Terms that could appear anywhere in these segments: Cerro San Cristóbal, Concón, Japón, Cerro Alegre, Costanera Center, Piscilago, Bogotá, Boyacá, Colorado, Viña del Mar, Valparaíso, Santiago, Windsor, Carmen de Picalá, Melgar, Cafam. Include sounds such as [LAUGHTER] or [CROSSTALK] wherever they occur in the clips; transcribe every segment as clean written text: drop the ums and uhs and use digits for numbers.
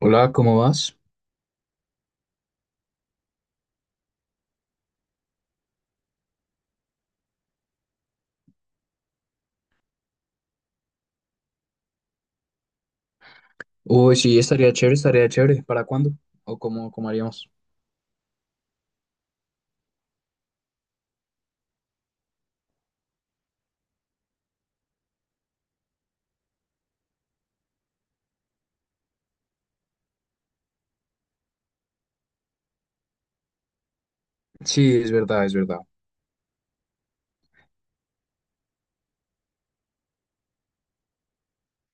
Hola, ¿cómo vas? Uy, sí, estaría chévere, estaría chévere. ¿Para cuándo? ¿O cómo haríamos? Sí, es verdad, es verdad.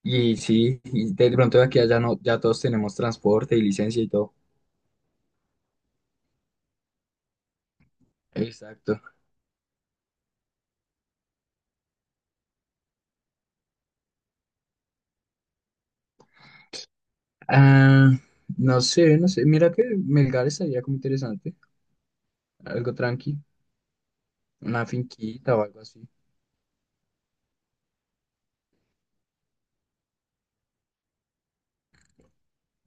Y sí, y de pronto de aquí a allá no, ya todos tenemos transporte y licencia y todo. Exacto. Ah, no sé, no sé. Mira que Melgar estaría como interesante. Algo tranqui, una finquita o algo así.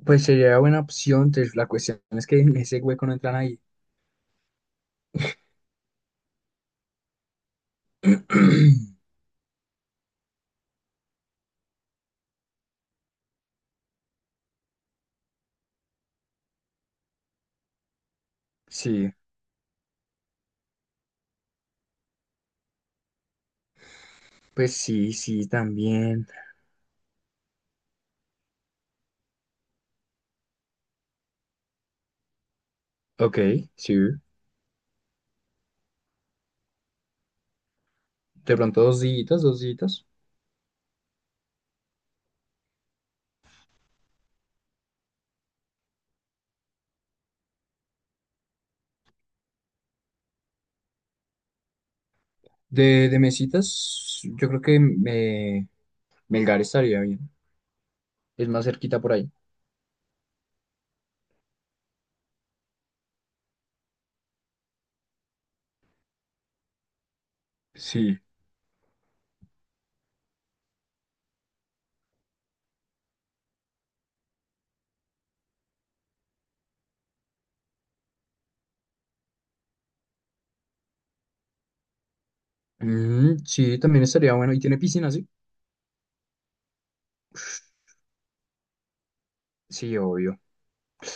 Pues sería buena opción, entonces la cuestión es que en ese hueco no entran ahí. [CLEARS THROAT] Sí, pues sí, sí, también. Ok, sí. De pronto 2 días, 2 días. De mesitas, yo creo que me, Melgar estaría bien. Es más cerquita por ahí. Sí. Mm, sí, también estaría bueno. ¿Y tiene piscina, sí? Sí, obvio.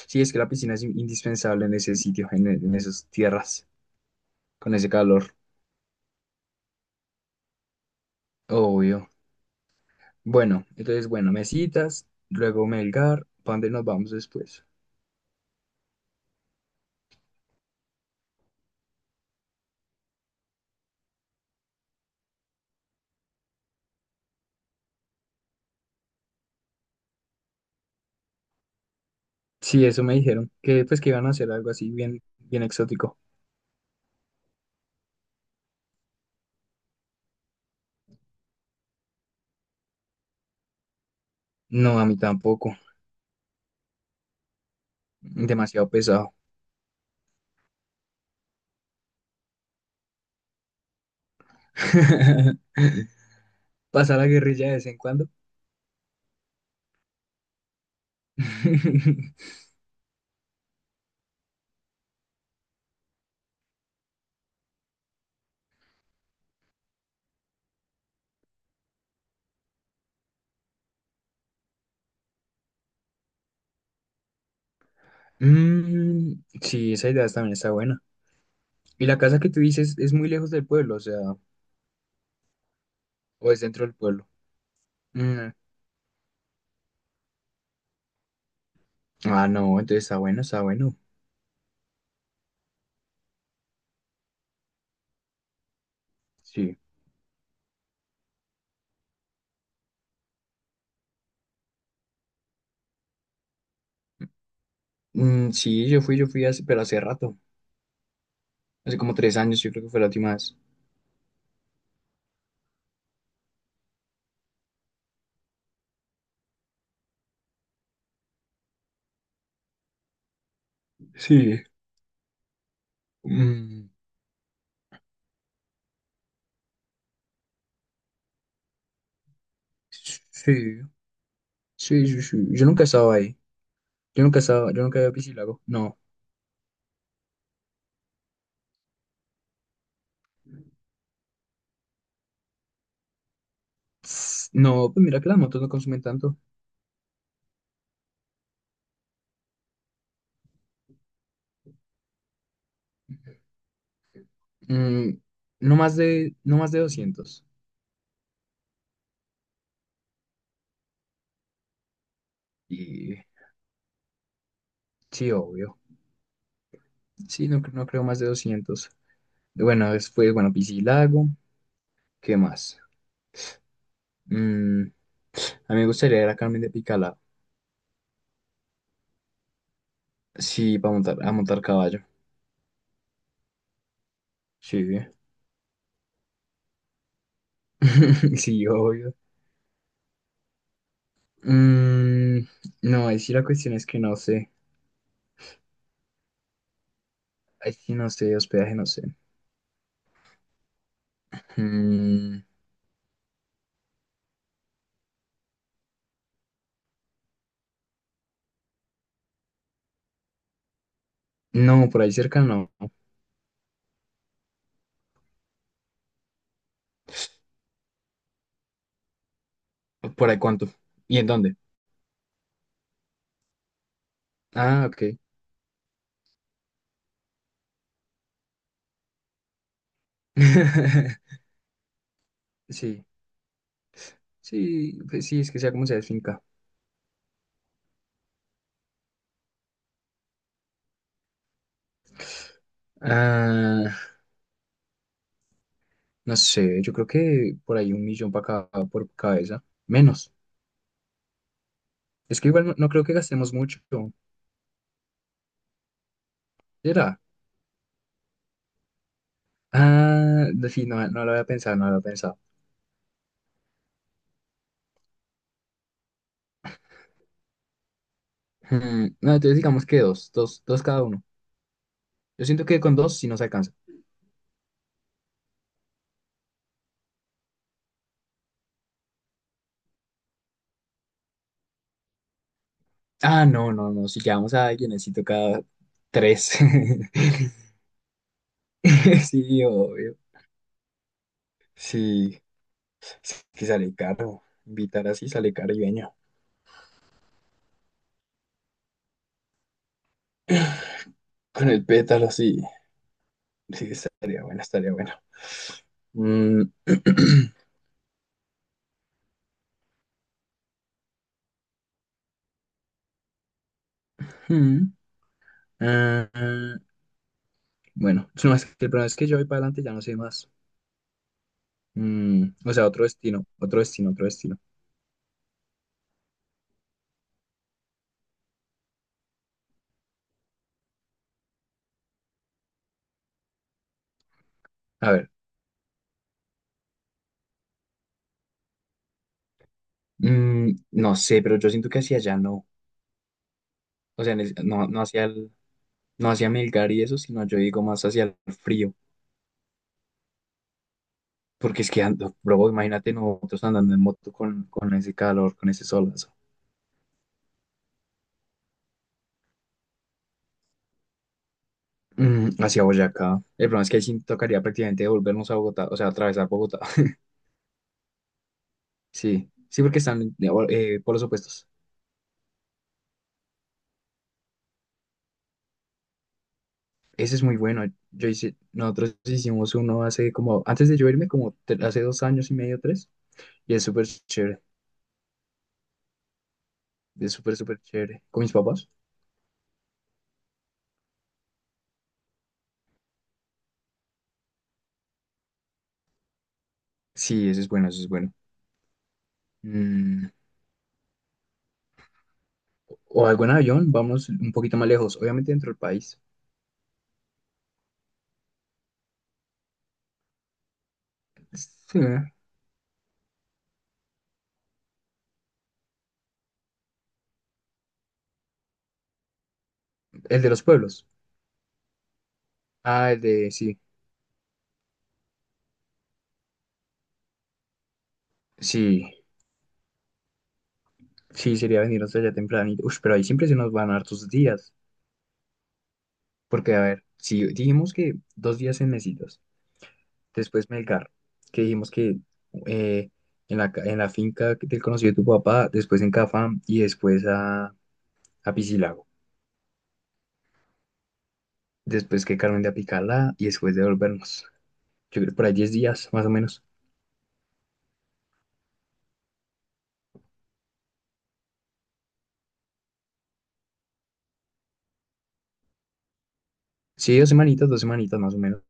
Sí, es que la piscina es indispensable en ese sitio, en esas tierras, con ese calor. Obvio. Bueno, entonces, bueno, mesitas, luego Melgar, ¿para dónde nos vamos después? Sí, eso me dijeron, que pues que iban a hacer algo así bien, bien exótico. No, a mí tampoco. Demasiado pesado. [LAUGHS] Pasar la guerrilla de vez en cuando. [LAUGHS] Mm, sí, esa idea también está buena. Y la casa que tú dices es muy lejos del pueblo, o sea, o es dentro del pueblo. Mm, Ah, no, entonces está bueno, está bueno. Sí. Sí, yo fui hace, pero hace rato. Hace como 3 años, yo creo que fue la última vez. Sí. Mm, sí, sí, sí, sí. Yo nunca he estado ahí. Yo nunca he estado, yo nunca he ido a Piscilago. No. [SNIFFS] Tss, no, pues mira que las motos no consumen tanto. Mm, no más de 200. Y sí, obvio. Sí, no, no creo más de 200. Bueno, después, bueno, Piscilago, ¿qué más? Mm, a mí me gustaría ir a Carmen de Picalá. Sí, para montar caballo. Sí, [LAUGHS] sí, obvio. Mm, no, ahí sí la cuestión es que no sé. Ahí sí no sé, hospedaje no sé. Mm, no, por ahí cerca no. ¿Por ahí cuánto? ¿Y en dónde? Ah, ok. [LAUGHS] Sí, sí, pues sí, es que sea como sea, es finca. Ah, No sé, yo creo que por ahí 1.000.000 para cada, por cabeza. Menos. Es que igual no, no creo que gastemos mucho. ¿Será? Ah, no, sí, no, no lo había pensado, no lo había pensado. Hmm, no, entonces digamos que dos cada uno. Yo siento que con dos sí nos alcanza. Ah, no, no, no, si llamamos a alguien necesito cada tres. [LAUGHS] Sí, obvio. Sí, que sale caro. Invitar así sale caribeño. Con el pétalo, sí. Sí, estaría bueno, estaría bueno. Mm, [CLEARS THROAT] mm. Ah, bueno, [LAUGHS] no, es que el problema es que yo voy para adelante ya no sé más. Mm, o sea, otro destino, otro destino, otro destino. A ver, no sé, pero yo siento que hacia allá no. No, no hacia Melgar y eso, sino yo digo más hacia el frío. Porque es que ando, bro, imagínate nosotros andando en moto con ese calor, con ese solazo. Mm, hacia Boyacá. El problema es que ahí sí tocaría prácticamente volvernos a Bogotá, o sea, atravesar Bogotá. [LAUGHS] Sí, sí, porque están por los opuestos. Ese es muy bueno. Nosotros hicimos uno hace como, antes de yo irme, hace 2 años y medio, tres, y es súper chévere, súper chévere. ¿Con mis papás? Sí, ese es bueno, ese es bueno. Mm, o algo en avión, vamos un poquito más lejos, obviamente dentro del país. Sí, ¿eh? El de los pueblos. Ah, el de, sí, sí, sí, sería venir hasta allá tempranito. Uy, pero ahí siempre se nos van hartos días, porque a ver, si dijimos que 2 días en mesitas. Después Melgar, que dijimos que eh, en en la finca del conocido de tu papá, después en Cafam y después a Piscilago. Después que Carmen de Apicalá y después de volvernos. Yo creo por ahí 10 días, más o menos. Sí, dos semanitas más o menos.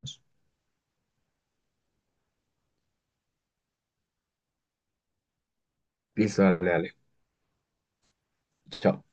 Listo, dale, dale. Chao.